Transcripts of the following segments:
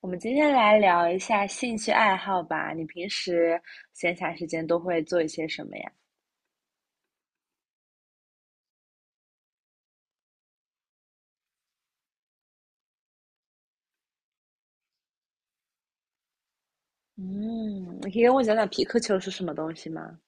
我们今天来聊一下兴趣爱好吧。你平时闲暇时间都会做一些什么呀？嗯，你可以跟我讲讲皮克球是什么东西吗？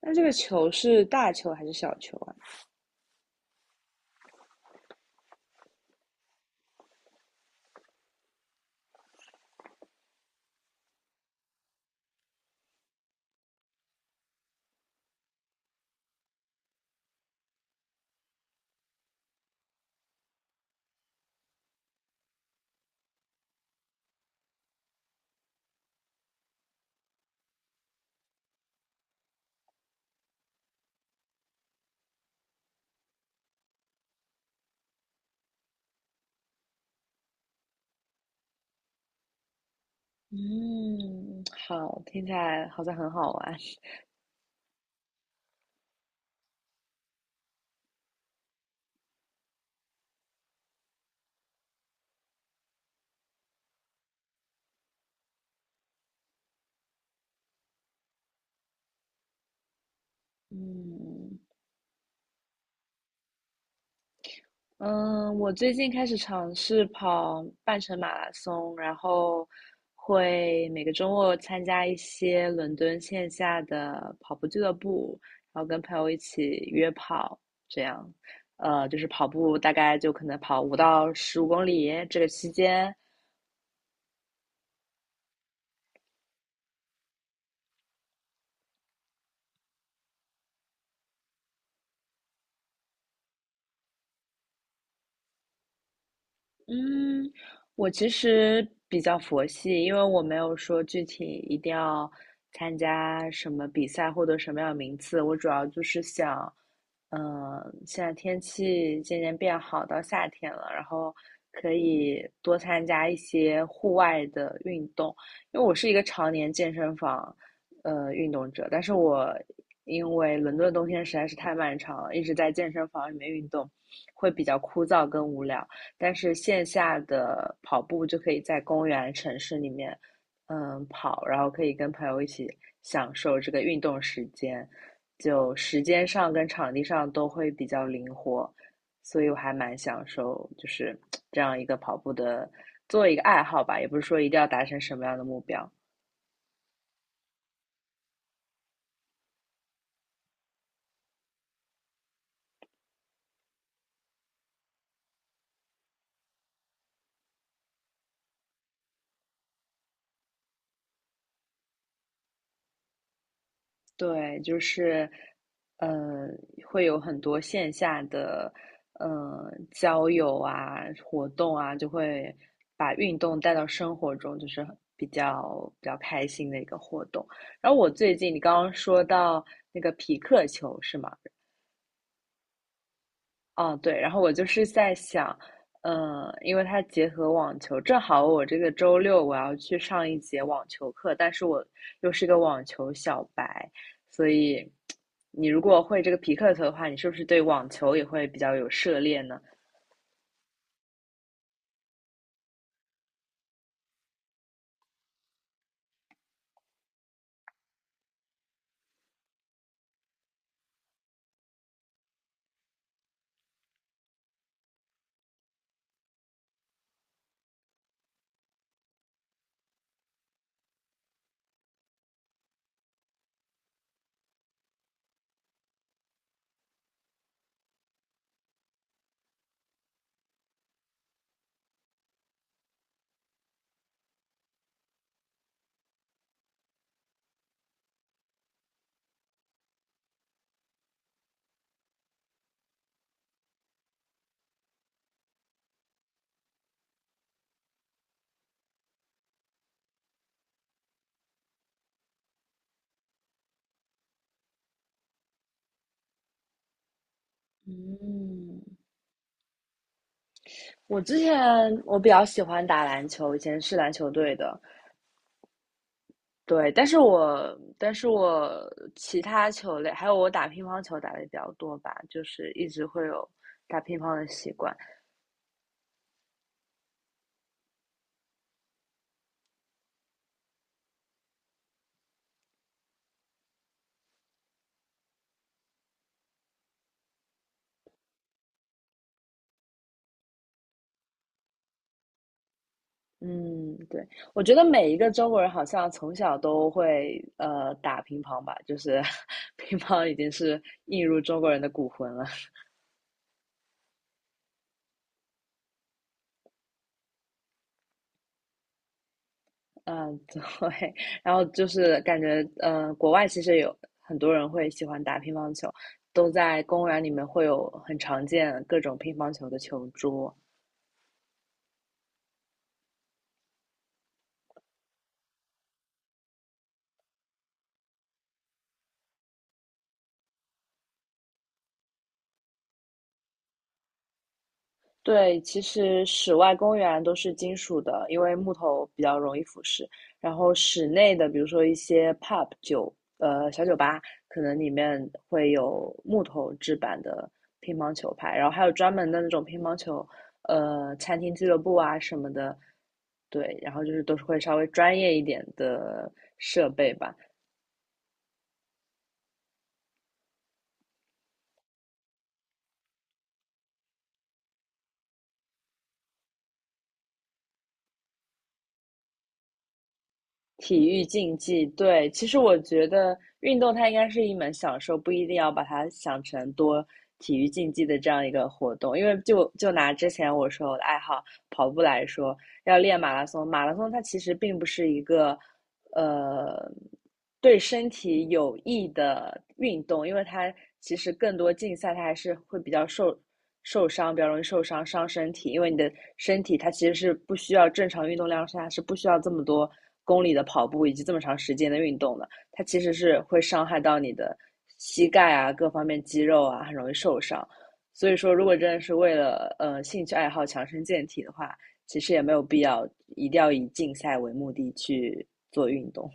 那这个球是大球还是小球啊？嗯，好，听起来好像很好玩。嗯，嗯，我最近开始尝试跑半程马拉松，然后会每个周末参加一些伦敦线下的跑步俱乐部，然后跟朋友一起约跑，这样，就是跑步大概就可能跑5到15公里这个期间，嗯，我其实比较佛系，因为我没有说具体一定要参加什么比赛获得什么样的名次，我主要就是想，嗯，现在天气渐渐变好，到夏天了，然后可以多参加一些户外的运动，因为我是一个常年健身房运动者，但是我因为伦敦的冬天实在是太漫长了，一直在健身房里面运动，会比较枯燥跟无聊。但是线下的跑步就可以在公园、城市里面，嗯，跑，然后可以跟朋友一起享受这个运动时间，就时间上跟场地上都会比较灵活，所以我还蛮享受就是这样一个跑步的，做一个爱好吧，也不是说一定要达成什么样的目标。对，就是，呃，会有很多线下的，交友啊、活动啊，就会把运动带到生活中，就是比较开心的一个活动。然后我最近你刚刚说到那个匹克球是吗？哦，对，然后我就是在想，因为它结合网球，正好我这个周六我要去上一节网球课，但是我又是个网球小白，所以你如果会这个皮克球的话，你是不是对网球也会比较有涉猎呢？嗯，我之前我比较喜欢打篮球，以前是篮球队的，对，但是我其他球类还有我打乒乓球打的比较多吧，就是一直会有打乒乓的习惯。嗯，对，我觉得每一个中国人好像从小都会打乒乓吧，就是 乒乓已经是映入中国人的骨魂了。嗯，对，然后就是感觉国外其实有很多人会喜欢打乒乓球，都在公园里面会有很常见各种乒乓球的球桌，对，其实室外公园都是金属的，因为木头比较容易腐蚀。然后室内的，比如说一些 pub 酒，小酒吧，可能里面会有木头制版的乒乓球拍，然后还有专门的那种乒乓球，餐厅俱乐部啊什么的。对，然后就是都是会稍微专业一点的设备吧。体育竞技，对，其实我觉得运动它应该是一门享受，不一定要把它想成多体育竞技的这样一个活动。因为就拿之前我说我的爱好跑步来说，要练马拉松，马拉松它其实并不是一个呃对身体有益的运动，因为它其实更多竞赛，它还是会比较受伤，比较容易受伤伤身体。因为你的身体它其实是不需要正常运动量下是不需要这么多公里的跑步以及这么长时间的运动的，它其实是会伤害到你的膝盖啊各方面肌肉啊，很容易受伤。所以说，如果真的是为了兴趣爱好强身健体的话，其实也没有必要一定要以竞赛为目的去做运动。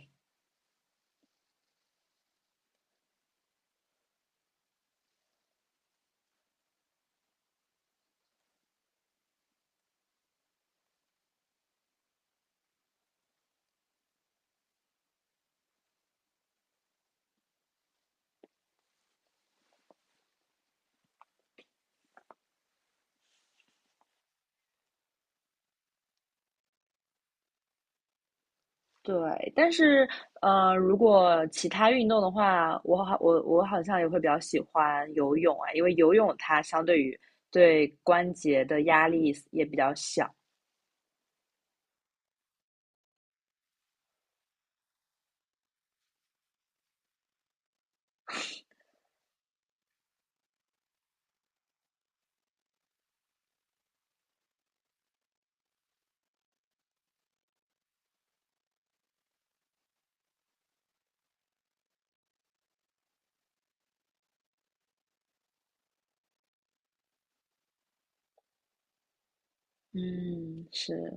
对，但是，如果其他运动的话，我好像也会比较喜欢游泳啊，因为游泳它相对于对关节的压力也比较小。嗯，是，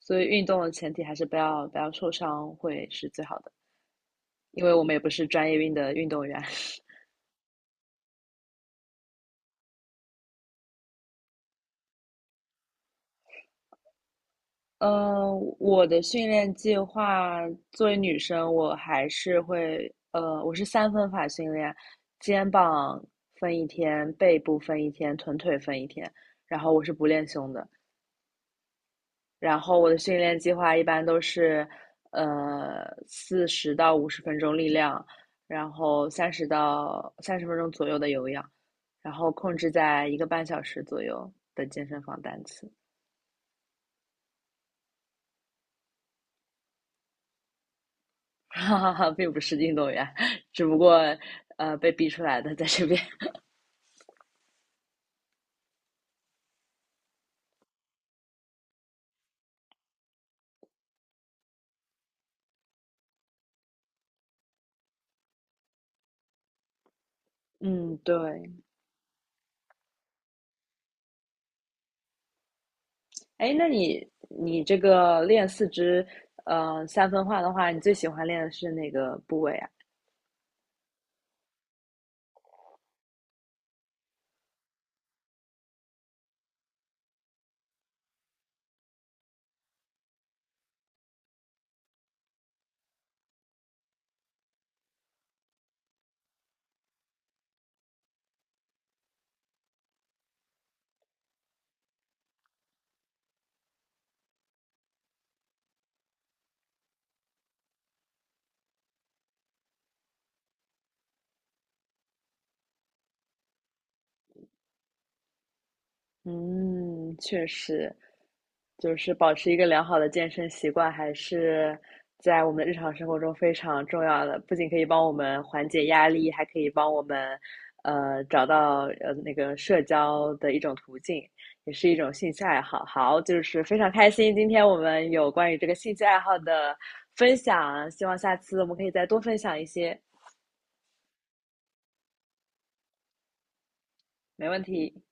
所以运动的前提还是不要受伤会是最好的，因为我们也不是专业运动员。呃，我的训练计划，作为女生，我还是会，我是三分法训练，肩膀分一天，背部分一天，臀腿分一天，然后我是不练胸的。然后我的训练计划一般都是，40到50分钟力量，然后30到30分钟左右的有氧，然后控制在一个半小时左右的健身房单次。哈哈哈，并不是运动员，只不过被逼出来的，在这边。嗯，对。哎，那你这个练四肢三分化的话，你最喜欢练的是哪个部位啊？嗯，确实，就是保持一个良好的健身习惯，还是在我们的日常生活中非常重要的。不仅可以帮我们缓解压力，还可以帮我们，找到那个社交的一种途径，也是一种兴趣爱好。好，就是非常开心，今天我们有关于这个兴趣爱好的分享，希望下次我们可以再多分享一些。没问题。